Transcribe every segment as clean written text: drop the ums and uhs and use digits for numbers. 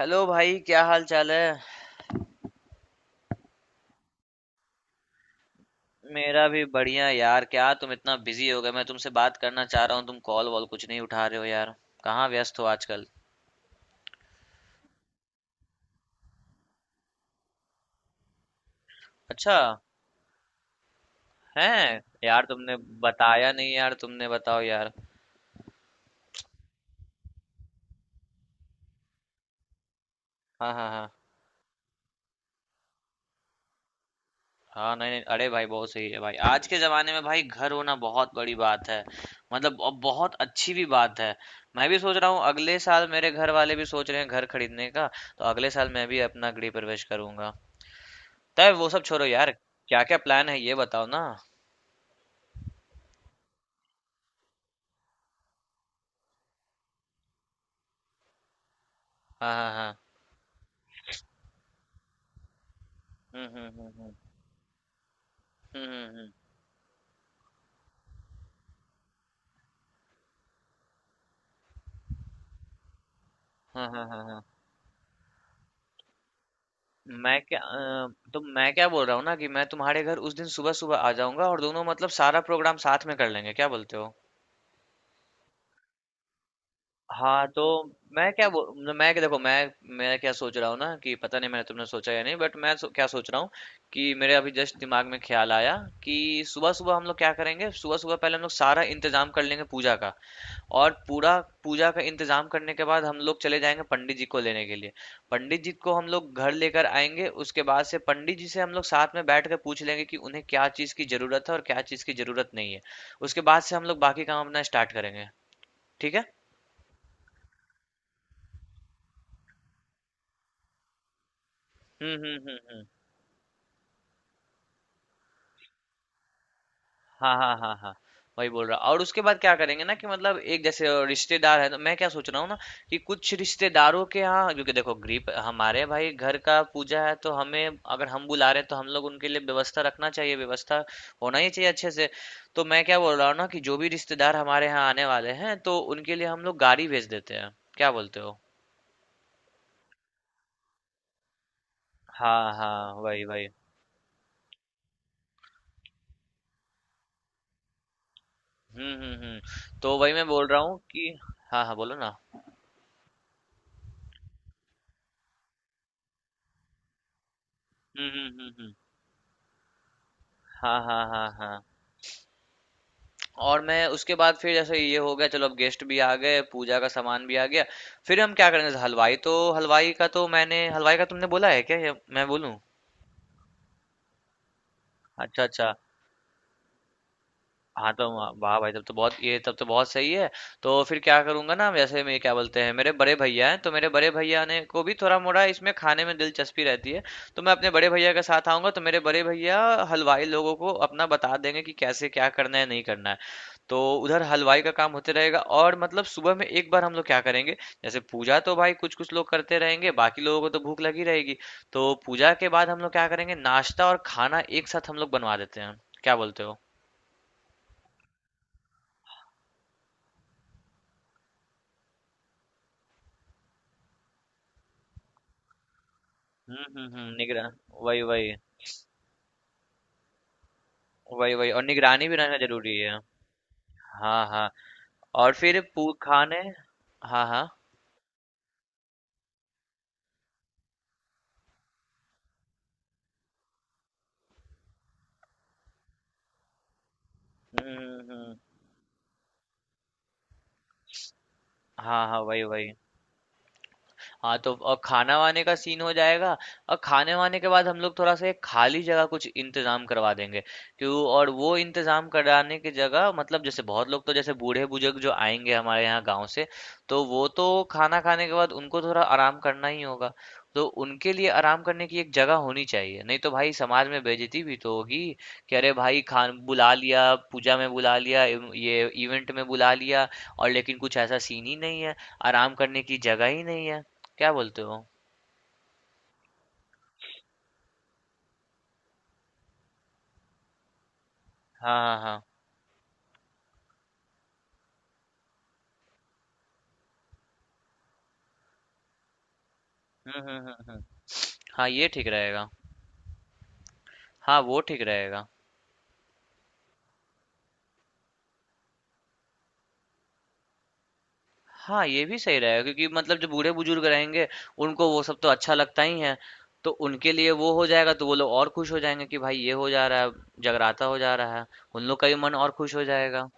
Hello भाई, क्या हाल चाल है। मेरा भी बढ़िया यार। क्या तुम इतना बिजी हो गए? मैं तुमसे बात करना चाह रहा हूँ, तुम कॉल वॉल कुछ नहीं उठा रहे हो यार। कहाँ व्यस्त हो आजकल? अच्छा है यार तुमने बताया नहीं यार, तुमने बताओ यार। हाँ, हाँ, हाँ, हाँ, नहीं नहीं, अरे भाई बहुत सही है भाई, आज के जमाने में भाई घर होना बहुत बड़ी बात है। मतलब अब बहुत अच्छी भी बात है। मैं भी सोच रहा हूँ, अगले साल मेरे घर वाले भी सोच रहे हैं घर खरीदने का। तो अगले साल मैं भी अपना गृह प्रवेश करूंगा। तब वो सब छोड़ो यार, क्या क्या प्लान है ये बताओ ना। हाँ, हाँ, हाँ, हम्म, हम्म, हम्म, हम्म, हम्म, हाँ, हाँ, हाँ, हाँ। तो मैं क्या बोल रहा हूँ ना कि मैं तुम्हारे घर उस दिन सुबह सुबह आ जाऊंगा, और दोनों मतलब सारा प्रोग्राम साथ में कर लेंगे। क्या बोलते हो? हाँ तो, मैं क्या बोल मैं क्या देखो मैं मैं क्या सोच रहा हूँ ना कि पता नहीं मैंने तुमने सोचा या नहीं, बट क्या सोच रहा हूँ कि मेरे अभी जस्ट दिमाग में ख्याल आया कि सुबह सुबह हम लोग क्या करेंगे। सुबह सुबह पहले हम लोग सारा इंतजाम कर लेंगे पूजा का। और पूरा पूजा का इंतजाम करने के बाद हम लोग चले जाएंगे पंडित जी को लेने के लिए। पंडित जी को हम लोग घर लेकर आएंगे, उसके बाद से पंडित जी से हम लोग साथ में बैठ कर पूछ लेंगे कि उन्हें क्या चीज़ की ज़रूरत है और क्या चीज़ की ज़रूरत नहीं है। उसके बाद से हम लोग बाकी काम अपना स्टार्ट करेंगे। ठीक है। हम्म, हम्म, हम्म, हम्म, हाँ, हाँ, हाँ, हाँ, वही बोल रहा। और उसके बाद क्या करेंगे ना कि मतलब एक जैसे रिश्तेदार है, तो मैं क्या सोच रहा हूँ ना कि कुछ रिश्तेदारों के यहाँ, क्योंकि देखो गरीब हमारे भाई, घर का पूजा है तो हमें अगर हम बुला रहे हैं तो हम लोग उनके लिए व्यवस्था रखना चाहिए, व्यवस्था होना ही चाहिए अच्छे से। तो मैं क्या बोल रहा हूँ ना कि जो भी रिश्तेदार हमारे यहाँ आने वाले हैं तो उनके लिए हम लोग गाड़ी भेज देते हैं। क्या बोलते हो? हाँ, हाँ, वही वही। हम्म, हम्म, हम्म, तो वही मैं बोल रहा हूँ कि हाँ, हाँ, बोलो ना। हम्म, हम्म, हम्म, हम्म, हाँ, हाँ, हाँ, हाँ। और मैं उसके बाद, फिर जैसे ये हो गया, चलो अब गेस्ट भी आ गए, पूजा का सामान भी आ गया। फिर हम क्या करेंगे, जैसे हलवाई तो, हलवाई का तुमने बोला है क्या, या मैं बोलूं? अच्छा, अच्छा। हाँ तो वाह भाई, तब तो बहुत सही है। तो फिर क्या करूंगा ना, वैसे मैं क्या, बोलते हैं मेरे बड़े भैया हैं, तो मेरे बड़े भैया ने को भी थोड़ा मोड़ा इसमें खाने में दिलचस्पी रहती है। तो मैं अपने बड़े भैया के साथ आऊंगा, तो मेरे बड़े भैया हलवाई लोगों को अपना बता देंगे कि कैसे क्या करना है नहीं करना है। तो उधर हलवाई का काम होते रहेगा, और मतलब सुबह में एक बार हम लोग क्या करेंगे, जैसे पूजा तो भाई कुछ कुछ लोग करते रहेंगे, बाकी लोगों को तो भूख लगी रहेगी। तो पूजा के बाद हम लोग क्या करेंगे, नाश्ता और खाना एक साथ हम लोग बनवा देते हैं। क्या बोलते हो? हुँ, हुँ, हुँ। निगरा वही, वही। वही, वही, और निगरानी भी रहना ज़रूरी है। हाँ, हाँ, और फिर पू खाने। हाँ, हाँ। हुँ, हुँ, हुँ। हाँ, हाँ, वही, वही। हाँ तो, और खाना-वाने का सीन हो जाएगा। और खाने-वाने के बाद हम लोग थोड़ा-सा एक खाली जगह कुछ इंतजाम करवा देंगे। क्यों, और वो इंतजाम कराने की जगह, मतलब जैसे बहुत लोग, तो जैसे बूढ़े-बुजुर्ग जो आएंगे हमारे यहाँ गांव से, तो वो तो खाना खाने के बाद उनको थोड़ा आराम करना ही होगा। तो उनके लिए आराम करने की एक जगह होनी चाहिए, नहीं तो भाई समाज में बेइज्जती भी तो होगी कि अरे भाई, खान बुला लिया, पूजा में बुला लिया, ये इवेंट में बुला लिया, और लेकिन कुछ ऐसा सीन ही नहीं है, आराम करने की जगह ही नहीं है। क्या बोलते हो? हाँ, हाँ, हाँ। हुँ, हुँ, हुँ, हुँ। हाँ, ये ठीक रहेगा। हाँ, वो ठीक रहेगा। हाँ, ये भी सही रहेगा क्योंकि मतलब जो बूढ़े-बुजुर्ग रहेंगे, उनको वो सब तो अच्छा लगता ही है। तो उनके लिए वो हो जाएगा, तो वो लोग और खुश हो जाएंगे कि भाई ये हो जा रहा है, जगराता हो जा रहा है। उन लोग का भी मन और खुश हो जाएगा।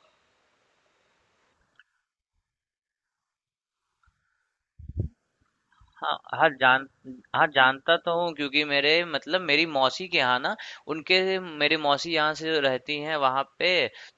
हाँ, हाँ जान हाँ, जानता तो हूँ, क्योंकि मेरे मतलब मेरी मौसी के यहाँ ना, उनके, मेरे मौसी यहाँ से रहती हैं वहाँ पे।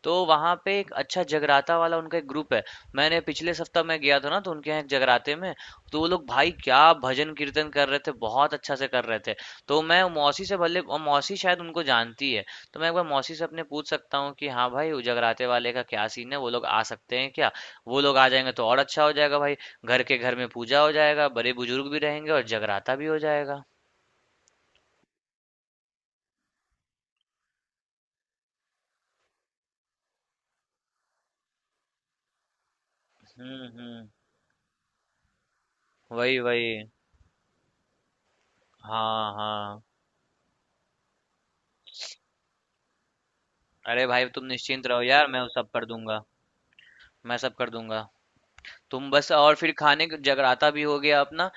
तो वहाँ पे एक अच्छा जगराता वाला उनका एक ग्रुप है। मैंने पिछले सप्ताह मैं गया था ना, तो उनके यहाँ एक जगराते में, तो वो लोग भाई क्या भजन कीर्तन कर रहे थे, बहुत अच्छा से कर रहे थे। तो मैं मौसी से भले, और मौसी शायद उनको जानती है। तो मैं एक बार मौसी से अपने पूछ सकता हूँ कि हाँ भाई वो जगराते वाले का क्या सीन है, वो लोग आ सकते हैं क्या। वो लोग आ जाएंगे तो और अच्छा हो जाएगा भाई। घर के घर में पूजा हो जाएगा, बड़े बुजुर्ग भी रहेंगे, और जगराता भी हो जाएगा। हम्म, हम्म, वही वही। हाँ, हाँ, अरे भाई तुम निश्चिंत रहो यार, मैं वो सब कर दूंगा। मैं सब कर दूंगा तुम बस। और फिर खाने क जगराता भी हो गया अपना,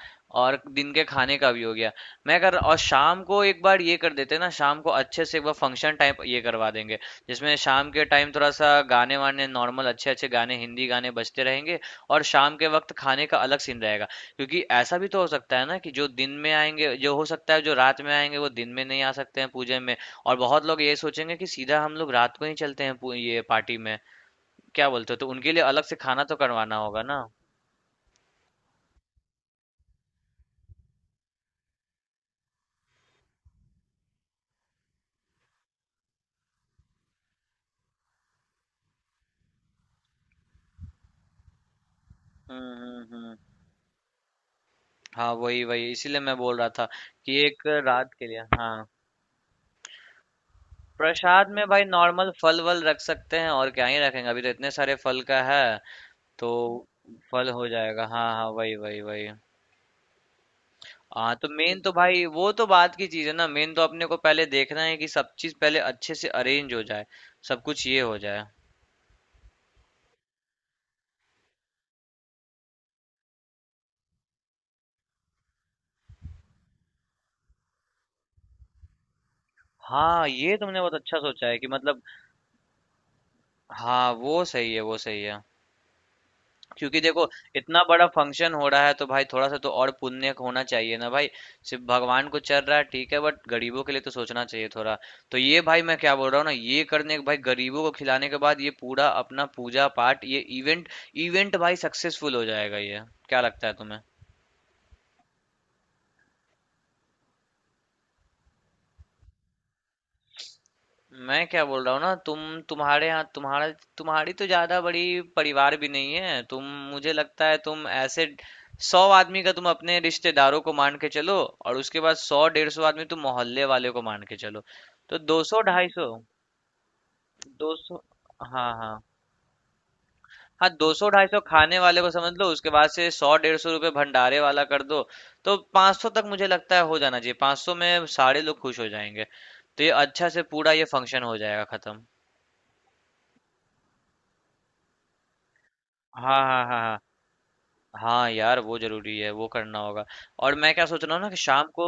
और दिन के खाने का भी हो गया। मैं कर और शाम को एक बार ये कर देते हैं ना, शाम को अच्छे से एक बार फंक्शन टाइप ये करवा देंगे। जिसमें शाम के टाइम थोड़ा-सा गाने-वाने, नॉर्मल अच्छे-अच्छे गाने, हिंदी गाने बजते रहेंगे, और शाम के वक़्त खाने का अलग सीन रहेगा। क्योंकि ऐसा भी तो हो सकता है ना कि जो दिन में आएँगे, जो हो सकता है जो रात में आएँगे वो दिन में नहीं आ सकते हैं पूजे में, और बहुत लोग ये सोचेंगे कि सीधा हम लोग रात को ही चलते हैं पू ये पार्टी में। क्या बोलते हो? तो उनके लिए अलग से खाना तो करवाना होगा ना। हम्म, हम्म, हाँ, वही वही, इसीलिए मैं बोल रहा था कि एक रात के लिए, हाँ। प्रसाद में भाई नॉर्मल फल वल रख सकते हैं, और क्या ही रखेंगे, अभी तो इतने सारे फल का है, तो फल हो जाएगा। हाँ, हाँ, वही वही वही। हाँ तो, मेन तो भाई वो तो बात की चीज है ना, मेन तो अपने को पहले देखना है कि सब चीज पहले अच्छे से अरेंज हो जाए, सब कुछ ये हो जाए। हाँ, ये तुमने बहुत अच्छा सोचा है कि मतलब, हाँ, वो सही है, वो सही है। क्योंकि देखो इतना बड़ा फंक्शन हो रहा है तो भाई थोड़ा सा तो और पुण्य होना चाहिए ना भाई। सिर्फ भगवान को चल रहा है ठीक है, बट गरीबों के लिए तो सोचना चाहिए थोड़ा। तो ये भाई, मैं क्या बोल रहा हूँ ना, ये करने के भाई गरीबों को खिलाने के बाद ये पूरा अपना पूजा पाठ ये इवेंट, इवेंट भाई सक्सेसफुल हो जाएगा ये। क्या लगता है तुम्हें? मैं क्या बोल रहा हूँ ना, तुम, तुम्हारे यहाँ तुम्हारा, तुम्हारी तो ज्यादा बड़ी परिवार भी नहीं है तुम। मुझे लगता है तुम ऐसे 100 आदमी का तुम अपने रिश्तेदारों को मान के चलो, और उसके बाद 100-150 आदमी तुम मोहल्ले वाले को मान के चलो, तो 200-250, 200। हाँ, हाँ, हाँ, 200-250 खाने वाले को समझ लो, उसके बाद से 100-150 रुपये भंडारे वाला कर दो। तो 500 तक मुझे लगता है हो जाना चाहिए, 500 में सारे लोग खुश हो जाएंगे। तो ये अच्छा से पूरा ये फंक्शन हो जाएगा खत्म। हाँ, हाँ, हाँ, हाँ। हाँ यार, वो जरूरी है, वो करना होगा। और मैं क्या सोच रहा हूँ ना कि शाम को,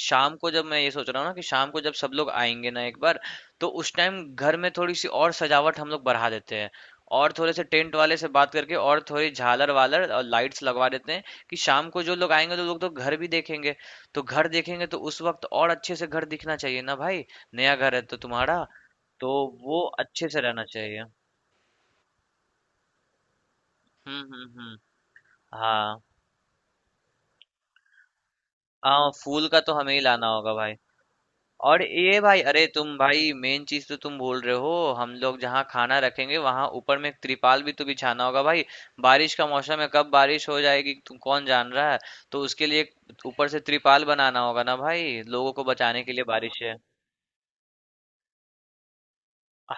शाम को जब मैं ये सोच रहा हूँ ना कि शाम को जब सब लोग आएंगे ना एक बार, तो उस टाइम घर में थोड़ी सी और सजावट हम लोग बढ़ा देते हैं। और थोड़े से टेंट वाले से बात करके और थोड़ी झालर वालर और लाइट्स लगवा देते हैं कि शाम को जो लोग आएंगे तो लोग तो घर भी देखेंगे। तो घर देखेंगे तो उस वक्त और अच्छे से घर दिखना चाहिए ना भाई, नया घर है तो तुम्हारा, तो वो अच्छे से रहना चाहिए। हम्म, हम्म, हम्म। हाँ। हाँ, फूल का तो हमें ही लाना होगा भाई। और ये भाई, अरे तुम भाई मेन चीज तो तुम बोल रहे हो। हम लोग जहाँ खाना रखेंगे वहां ऊपर में एक त्रिपाल भी तो बिछाना होगा भाई। बारिश का मौसम है, कब बारिश हो जाएगी तुम कौन जान रहा है। तो उसके लिए एक ऊपर से त्रिपाल बनाना होगा ना भाई, लोगों को बचाने के लिए, बारिश है।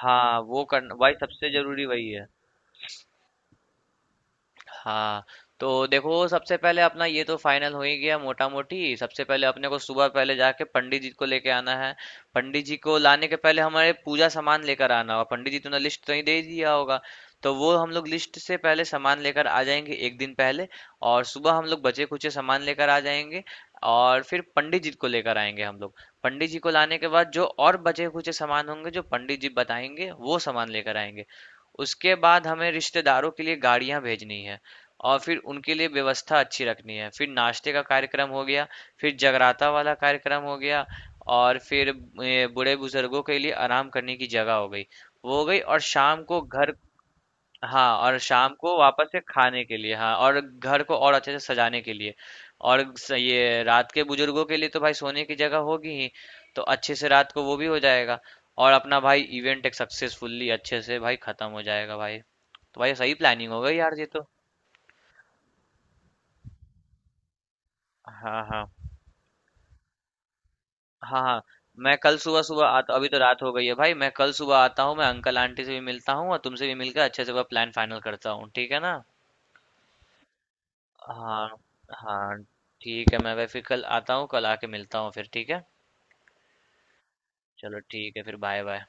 हाँ, वो करना भाई, सबसे जरूरी वही है। हाँ तो देखो, सबसे पहले अपना ये तो फाइनल हो ही गया मोटा मोटी, सबसे पहले अपने को सुबह पहले जाके पंडित जी को लेके आना है। पंडित जी को लाने के पहले हमारे पूजा सामान लेकर आना होगा, पंडित जी तुमने लिस्ट तो नहीं दे दिया होगा, तो वो हम लोग लिस्ट से पहले सामान लेकर आ जाएंगे एक दिन पहले। और सुबह हम लोग बचे खुचे सामान लेकर आ जाएंगे, और फिर पंडित जी को लेकर आएंगे हम लोग। पंडित जी को लाने के बाद जो और बचे खुचे सामान होंगे जो पंडित जी बताएंगे वो सामान लेकर आएंगे। उसके बाद हमें रिश्तेदारों के लिए गाड़ियां भेजनी है। और फिर उनके लिए व्यवस्था अच्छी रखनी है, फिर नाश्ते का कार्यक्रम हो गया, फिर जगराता वाला कार्यक्रम हो गया, और फिर बूढ़े बुजुर्गों के लिए आराम करने की जगह हो गई, वो हो गई, और शाम को घर, हाँ, और शाम को वापस से खाने के लिए, हाँ, और घर को और अच्छे से सजाने के लिए, और ये रात के बुजुर्गों के लिए तो भाई सोने की जगह होगी ही, तो अच्छे से रात को वो भी हो जाएगा। और अपना भाई इवेंट एक सक्सेसफुली अच्छे से भाई खत्म हो जाएगा भाई। तो भाई, सही प्लानिंग हो गई यार ये तो। हाँ, हाँ, हाँ, हाँ। मैं कल सुबह-सुबह आता, अभी तो रात हो गई है भाई, मैं कल सुबह आता हूँ, मैं अंकल आंटी से भी मिलता हूँ और तुमसे भी मिलकर अच्छे से वह प्लान फाइनल करता हूँ, ठीक है ना? हाँ, हाँ, ठीक है, मैं फिर कल आता हूँ, कल आके मिलता हूँ फिर, ठीक है। चलो ठीक है फिर, बाय बाय।